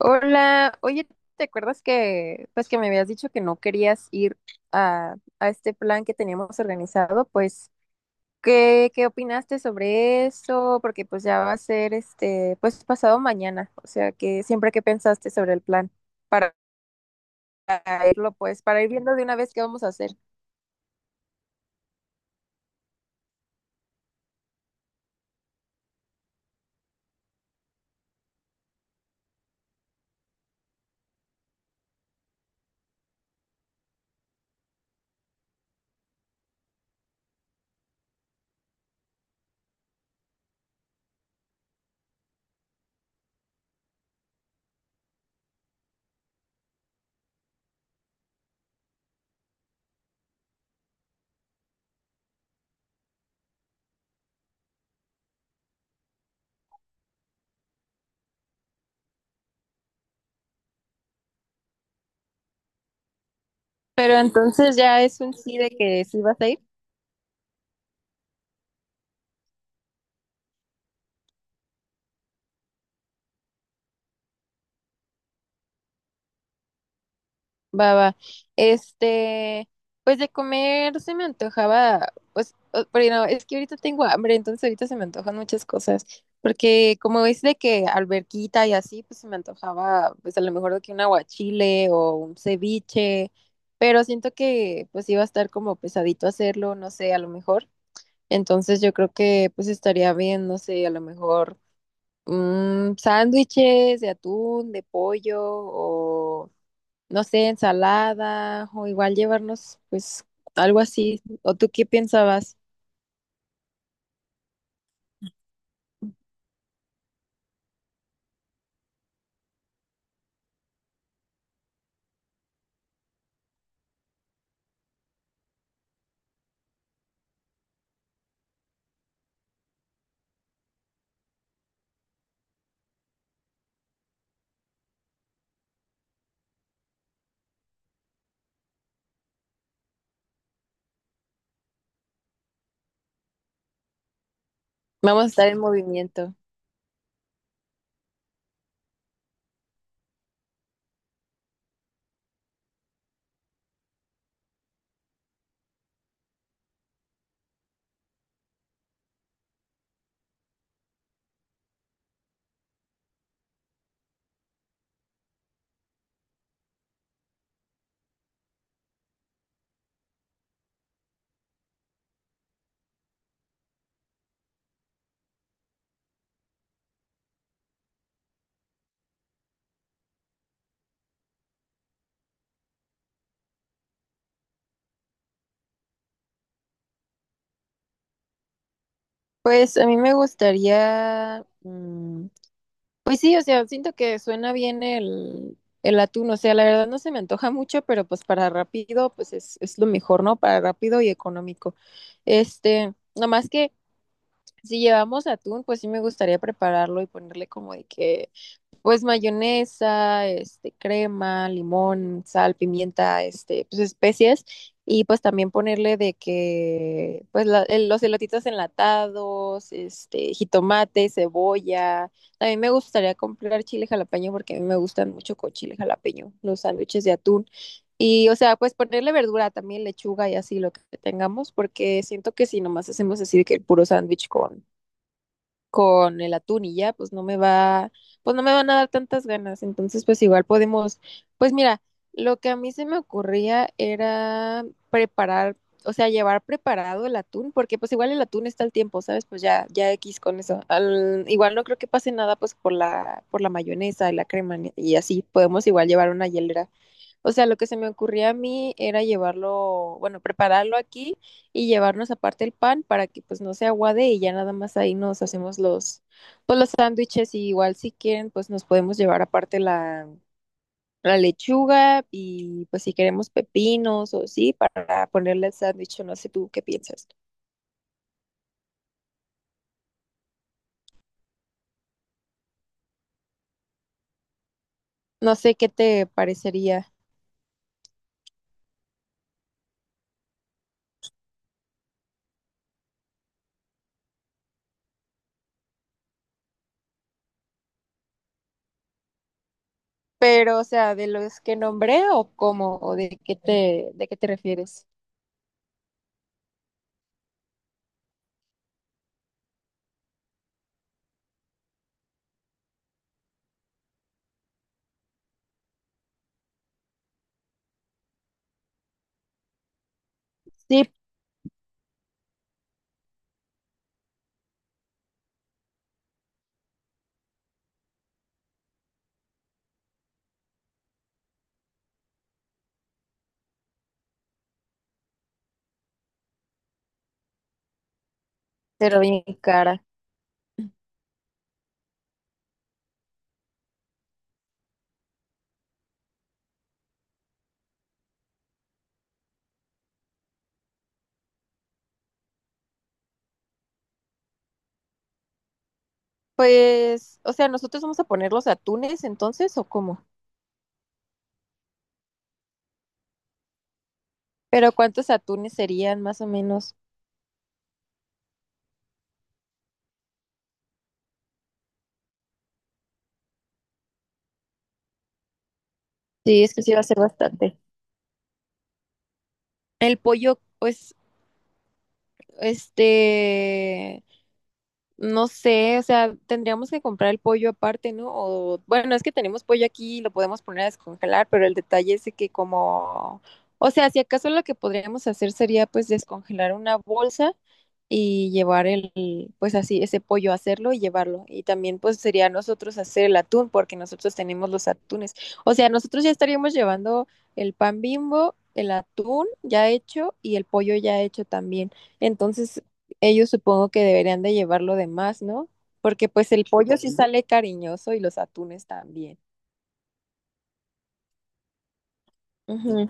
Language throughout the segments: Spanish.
Hola, oye, ¿te acuerdas que pues que me habías dicho que no querías ir a este plan que teníamos organizado? Pues, ¿qué opinaste sobre eso? Porque pues ya va a ser este, pues pasado mañana. O sea, que siempre que pensaste sobre el plan para, para irlo, pues, para ir viendo de una vez qué vamos a hacer. Pero entonces ya es un sí de que sí vas a ir. Va, va. Este, pues de comer se me antojaba, pues, pero no, es que ahorita tengo hambre, entonces ahorita se me antojan muchas cosas, porque como es de que alberquita y así, pues se me antojaba, pues a lo mejor de que un aguachile o un ceviche, pero siento que pues iba a estar como pesadito hacerlo, no sé, a lo mejor. Entonces yo creo que pues estaría bien, no sé, a lo mejor sándwiches de atún, de pollo o no sé, ensalada o igual llevarnos pues algo así. ¿O tú qué pensabas? Vamos a estar en movimiento. Pues a mí me gustaría, pues sí, o sea, siento que suena bien el atún. O sea, la verdad no se me antoja mucho, pero pues para rápido, pues es lo mejor, ¿no? Para rápido y económico. Este, nomás que si llevamos atún, pues sí me gustaría prepararlo y ponerle como de que pues mayonesa, este, crema, limón, sal, pimienta, este, pues especias, y pues también ponerle de que pues los elotitos enlatados, este, jitomate, cebolla. También me gustaría comprar chile jalapeño porque a mí me gustan mucho con chile jalapeño los sándwiches de atún. Y o sea, pues ponerle verdura también, lechuga y así lo que tengamos, porque siento que si nomás hacemos así de que el puro sándwich con el atún y ya, pues pues no me van a dar tantas ganas. Entonces, pues igual podemos, pues mira, lo que a mí se me ocurría era preparar, o sea, llevar preparado el atún, porque pues igual el atún está al tiempo, ¿sabes? Pues ya, ya X con eso. Igual no creo que pase nada pues por por la mayonesa y la crema y así, podemos igual llevar una hielera. O sea, lo que se me ocurría a mí era llevarlo, bueno, prepararlo aquí y llevarnos aparte el pan para que pues no se aguade y ya nada más ahí nos hacemos los, pues los sándwiches. Y igual si quieren, pues nos podemos llevar aparte la lechuga y pues si queremos pepinos o sí, para ponerle el sándwich, o no sé tú qué piensas. No sé qué te parecería, pero o sea, de los que nombré o cómo o de qué de qué te refieres. Sí, pero bien cara. Pues, o sea, nosotros vamos a poner los atunes entonces, ¿o cómo? Pero ¿cuántos atunes serían más o menos? Sí, es que sí va a ser bastante. El pollo, pues, este, no sé. O sea, tendríamos que comprar el pollo aparte, ¿no? O, bueno, es que tenemos pollo aquí y lo podemos poner a descongelar, pero el detalle es de que como, o sea, si acaso lo que podríamos hacer sería pues descongelar una bolsa y llevar pues así, ese pollo, hacerlo y llevarlo. Y también pues sería nosotros hacer el atún, porque nosotros tenemos los atunes. O sea, nosotros ya estaríamos llevando el pan Bimbo, el atún ya hecho y el pollo ya hecho también. Entonces, ellos supongo que deberían de llevar lo demás, ¿no? Porque pues el pollo sí sale cariñoso y los atunes también. Ujú.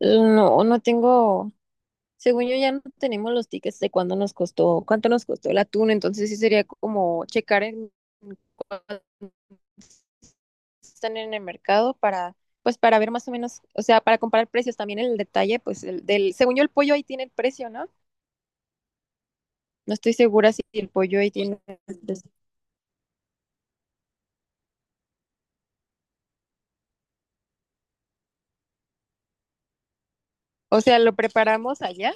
No, no tengo, según yo ya no tenemos los tickets de cuándo nos costó, cuánto nos costó el atún, entonces sí sería como checar en cuánto están en el mercado para, pues para ver más o menos. O sea, para comparar precios también el detalle, pues el del, según yo el pollo ahí tiene el precio, ¿no? No estoy segura si el pollo ahí tiene el precio. O sea, lo preparamos allá.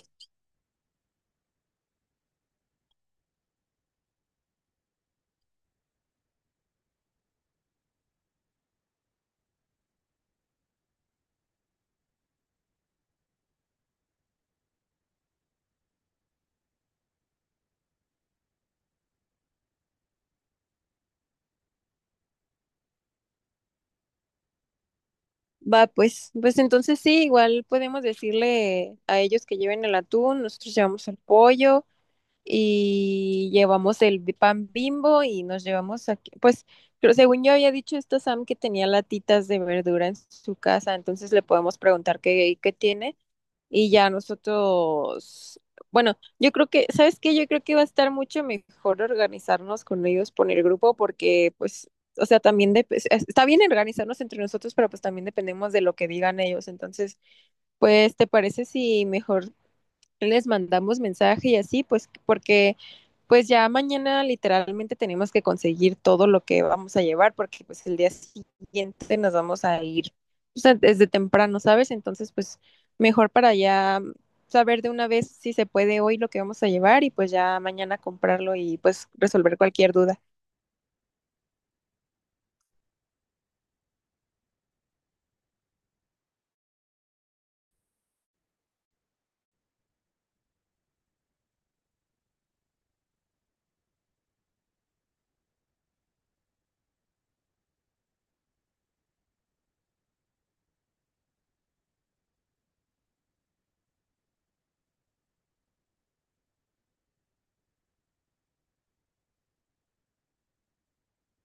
Va, pues, pues entonces sí, igual podemos decirle a ellos que lleven el atún, nosotros llevamos el pollo y llevamos el pan Bimbo y nos llevamos aquí, pues, pero según yo había dicho esto Sam que tenía latitas de verdura en su casa, entonces le podemos preguntar qué tiene y ya nosotros, bueno, yo creo que, ¿sabes qué? Yo creo que va a estar mucho mejor organizarnos con ellos por el grupo, porque pues, o sea, también está bien organizarnos entre nosotros, pero pues también dependemos de lo que digan ellos. Entonces, pues, ¿te parece si mejor les mandamos mensaje y así? Pues porque pues ya mañana literalmente tenemos que conseguir todo lo que vamos a llevar, porque pues el día siguiente nos vamos a ir, o sea, desde temprano, ¿sabes? Entonces pues mejor para ya saber de una vez si se puede hoy lo que vamos a llevar y pues ya mañana comprarlo y pues resolver cualquier duda.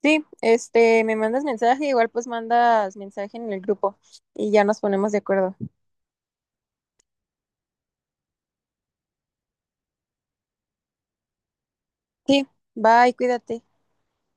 Sí, este, me mandas mensaje, igual pues mandas mensaje en el grupo y ya nos ponemos de acuerdo. Sí, bye, cuídate.